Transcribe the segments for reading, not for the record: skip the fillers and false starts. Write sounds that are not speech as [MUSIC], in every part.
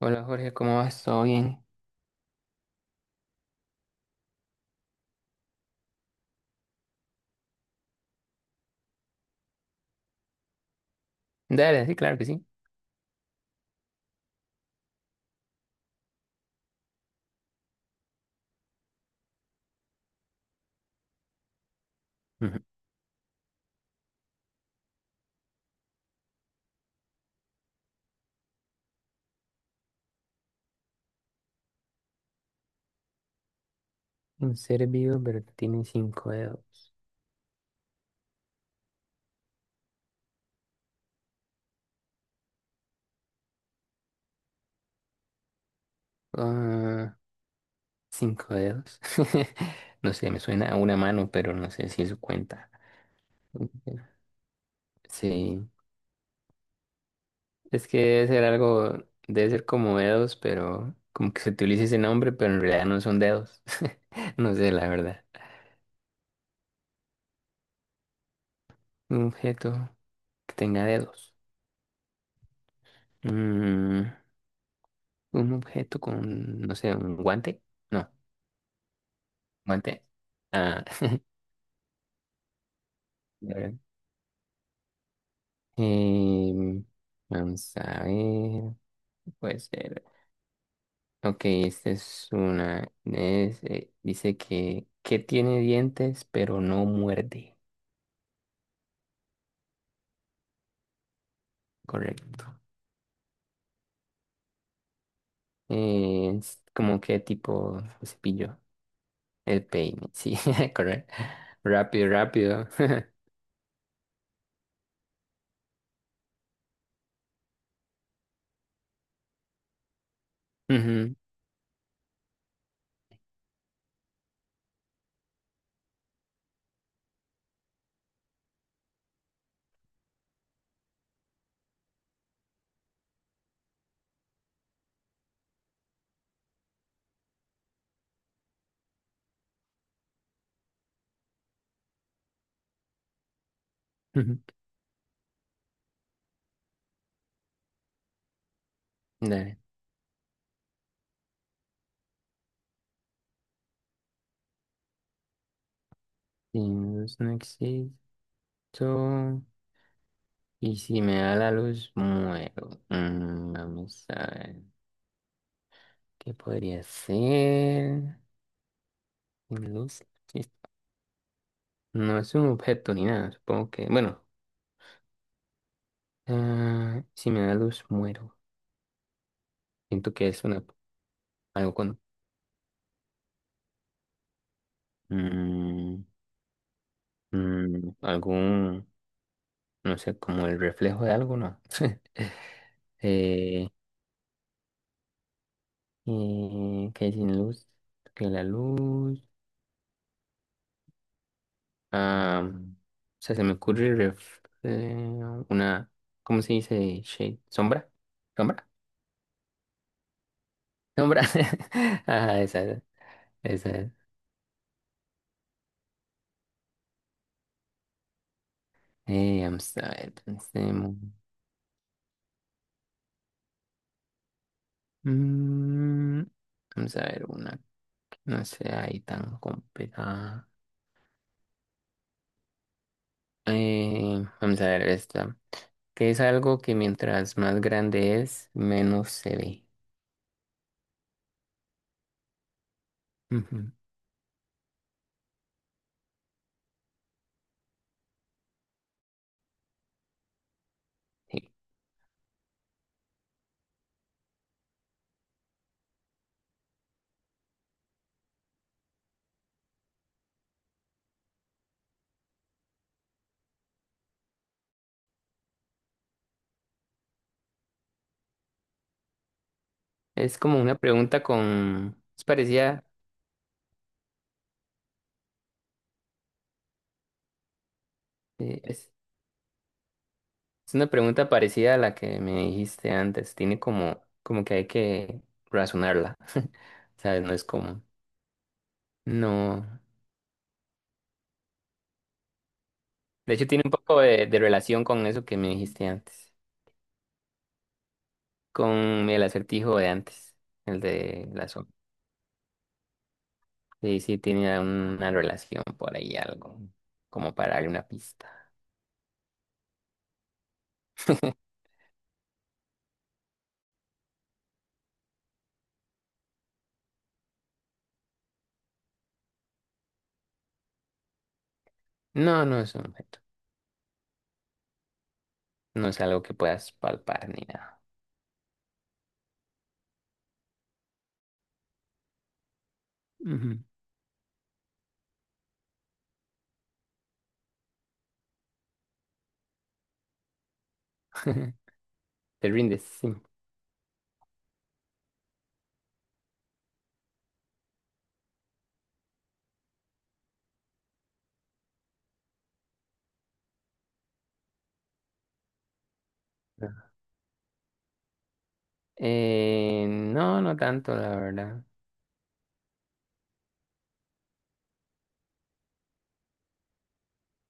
Hola Jorge, ¿cómo vas? ¿Todo bien? Dale, sí, claro que sí. Ujú. Un ser vivo, pero que tiene cinco dedos. Ah, cinco dedos. [LAUGHS] No sé, me suena a una mano, pero no sé si eso cuenta. Sí, es que debe ser algo, debe ser como dedos, pero como que se utiliza ese nombre, pero en realidad no son dedos. [LAUGHS] No sé, la verdad. Un objeto que tenga dedos. Mm, un objeto con, no sé, un guante. No, guante. Ah. [LAUGHS] Vale. Em, vamos a ver, puede ser. Ok, esta es una. Es, dice que tiene dientes, pero no muerde. Correcto. Es como que tipo cepillo. El peine, sí, [LAUGHS] correcto. Rápido, rápido. [LAUGHS] Ujú, ujú. Dale. Sin luz no existo. Y si me da la luz, muero. Mm, vamos a ver. ¿Qué podría ser? Sin luz, sí. No es un objeto ni nada, supongo que. Bueno, ah, si me da luz, muero. Siento que es una, algo con. mm, algún. No sé, como el reflejo de algo, ¿no? [LAUGHS] eh, que sin luz, que la luz. Ah, o sea, se me ocurre una. ¿Cómo se dice? Shade. ¿Sombra? ¿Sombra? ¿Sombra? [LAUGHS] Ah, esa, esa. Vamos a ver, pensemos. Mm, vamos a ver una que no sea ahí tan complicada. Vamos a ver esta. Que es algo que mientras más grande es, menos se ve. Ujú, sí. Es como una pregunta con… Es parecida… eh, es, es una pregunta parecida a la que me dijiste antes. Tiene como, como que hay que razonarla. [LAUGHS] ¿Sabes? No es como… No. De hecho, tiene un poco de relación con eso que me dijiste antes, con el acertijo de antes, el de la sombra. Sí, sí, tiene una relación por ahí, algo como para darle una pista. [LAUGHS] No, no es un objeto, no es algo que puedas palpar ni nada. Ujú. [LAUGHS] Te rindes, sí. No, no tanto, la verdad.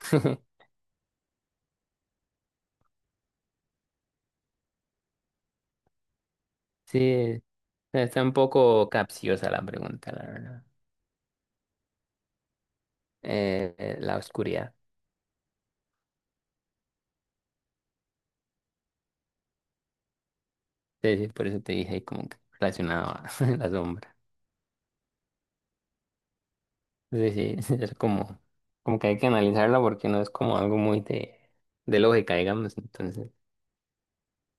[LAUGHS] Sí, está un poco capciosa la pregunta, la verdad. La oscuridad. Sí, sí, por eso te dije ahí como que relacionado a [LAUGHS] la sombra. Sí, sí, [LAUGHS] es como, como que hay que analizarla porque no es como algo muy de lógica, digamos. Entonces,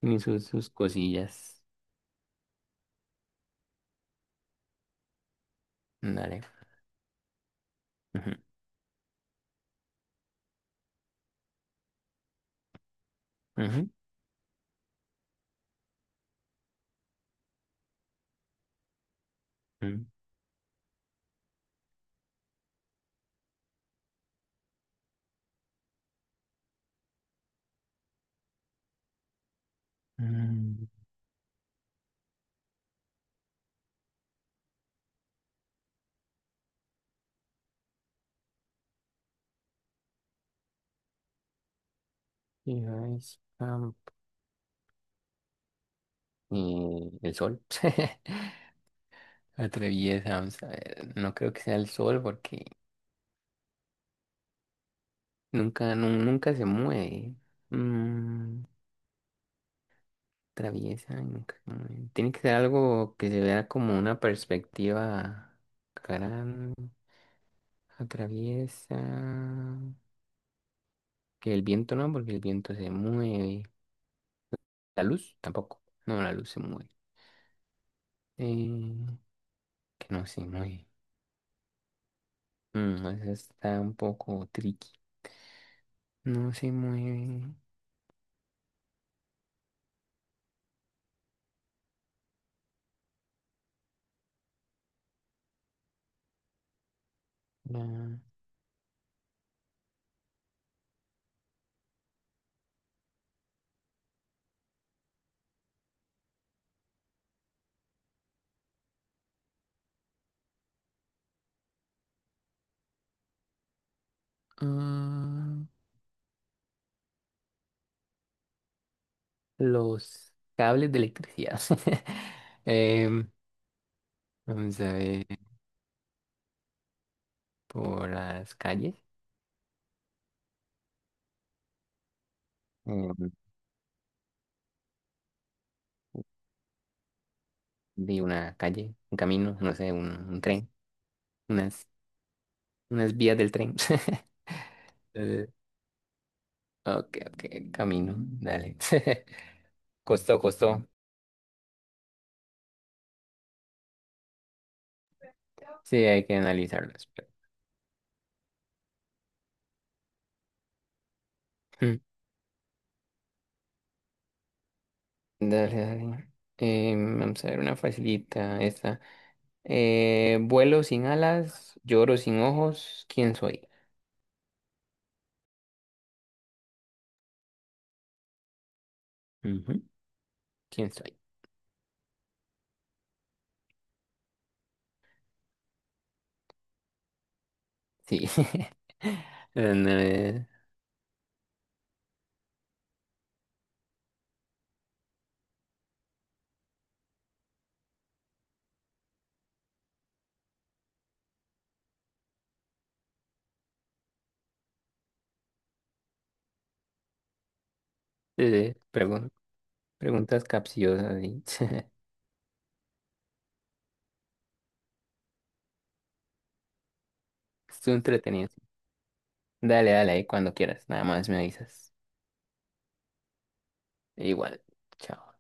ni sus cosillas. Dale. Ujú, ujú, ujú. Mm, y ahí está. Y el sol. [LAUGHS] Atraviesa, vamos a ver. No creo que sea el sol porque nunca, nunca se mueve. Mm, traviesa y tiene que ser algo que se vea como una perspectiva gran, atraviesa. Que el viento no, porque el viento se mueve. La luz tampoco. No, la luz se mueve. Eh, que no se mueve. Mm, esa está un poco tricky. No se mueve. la- Ah, los cables de electricidad. [LAUGHS] Em, vamos a ver por las calles. em, de una calle, un camino, no sé, un tren, unas, unas vías del tren. [LAUGHS] Eh, ok, ok, camino, dale. [LAUGHS] Costó, costó. Sí, hay que analizarlas, pero… Mm, dale, dale. Vamos a ver una facilita, esta. Vuelo sin alas, lloro sin ojos, ¿quién soy? Ujú, ¿quién soy? Sí. [LAUGHS] Eh, sí, sí, preguntas capciosas, sí. [LAUGHS] Estuvo entretenido. Dale, dale, ahí cuando quieras. Nada más me avisas. Igual. Chao.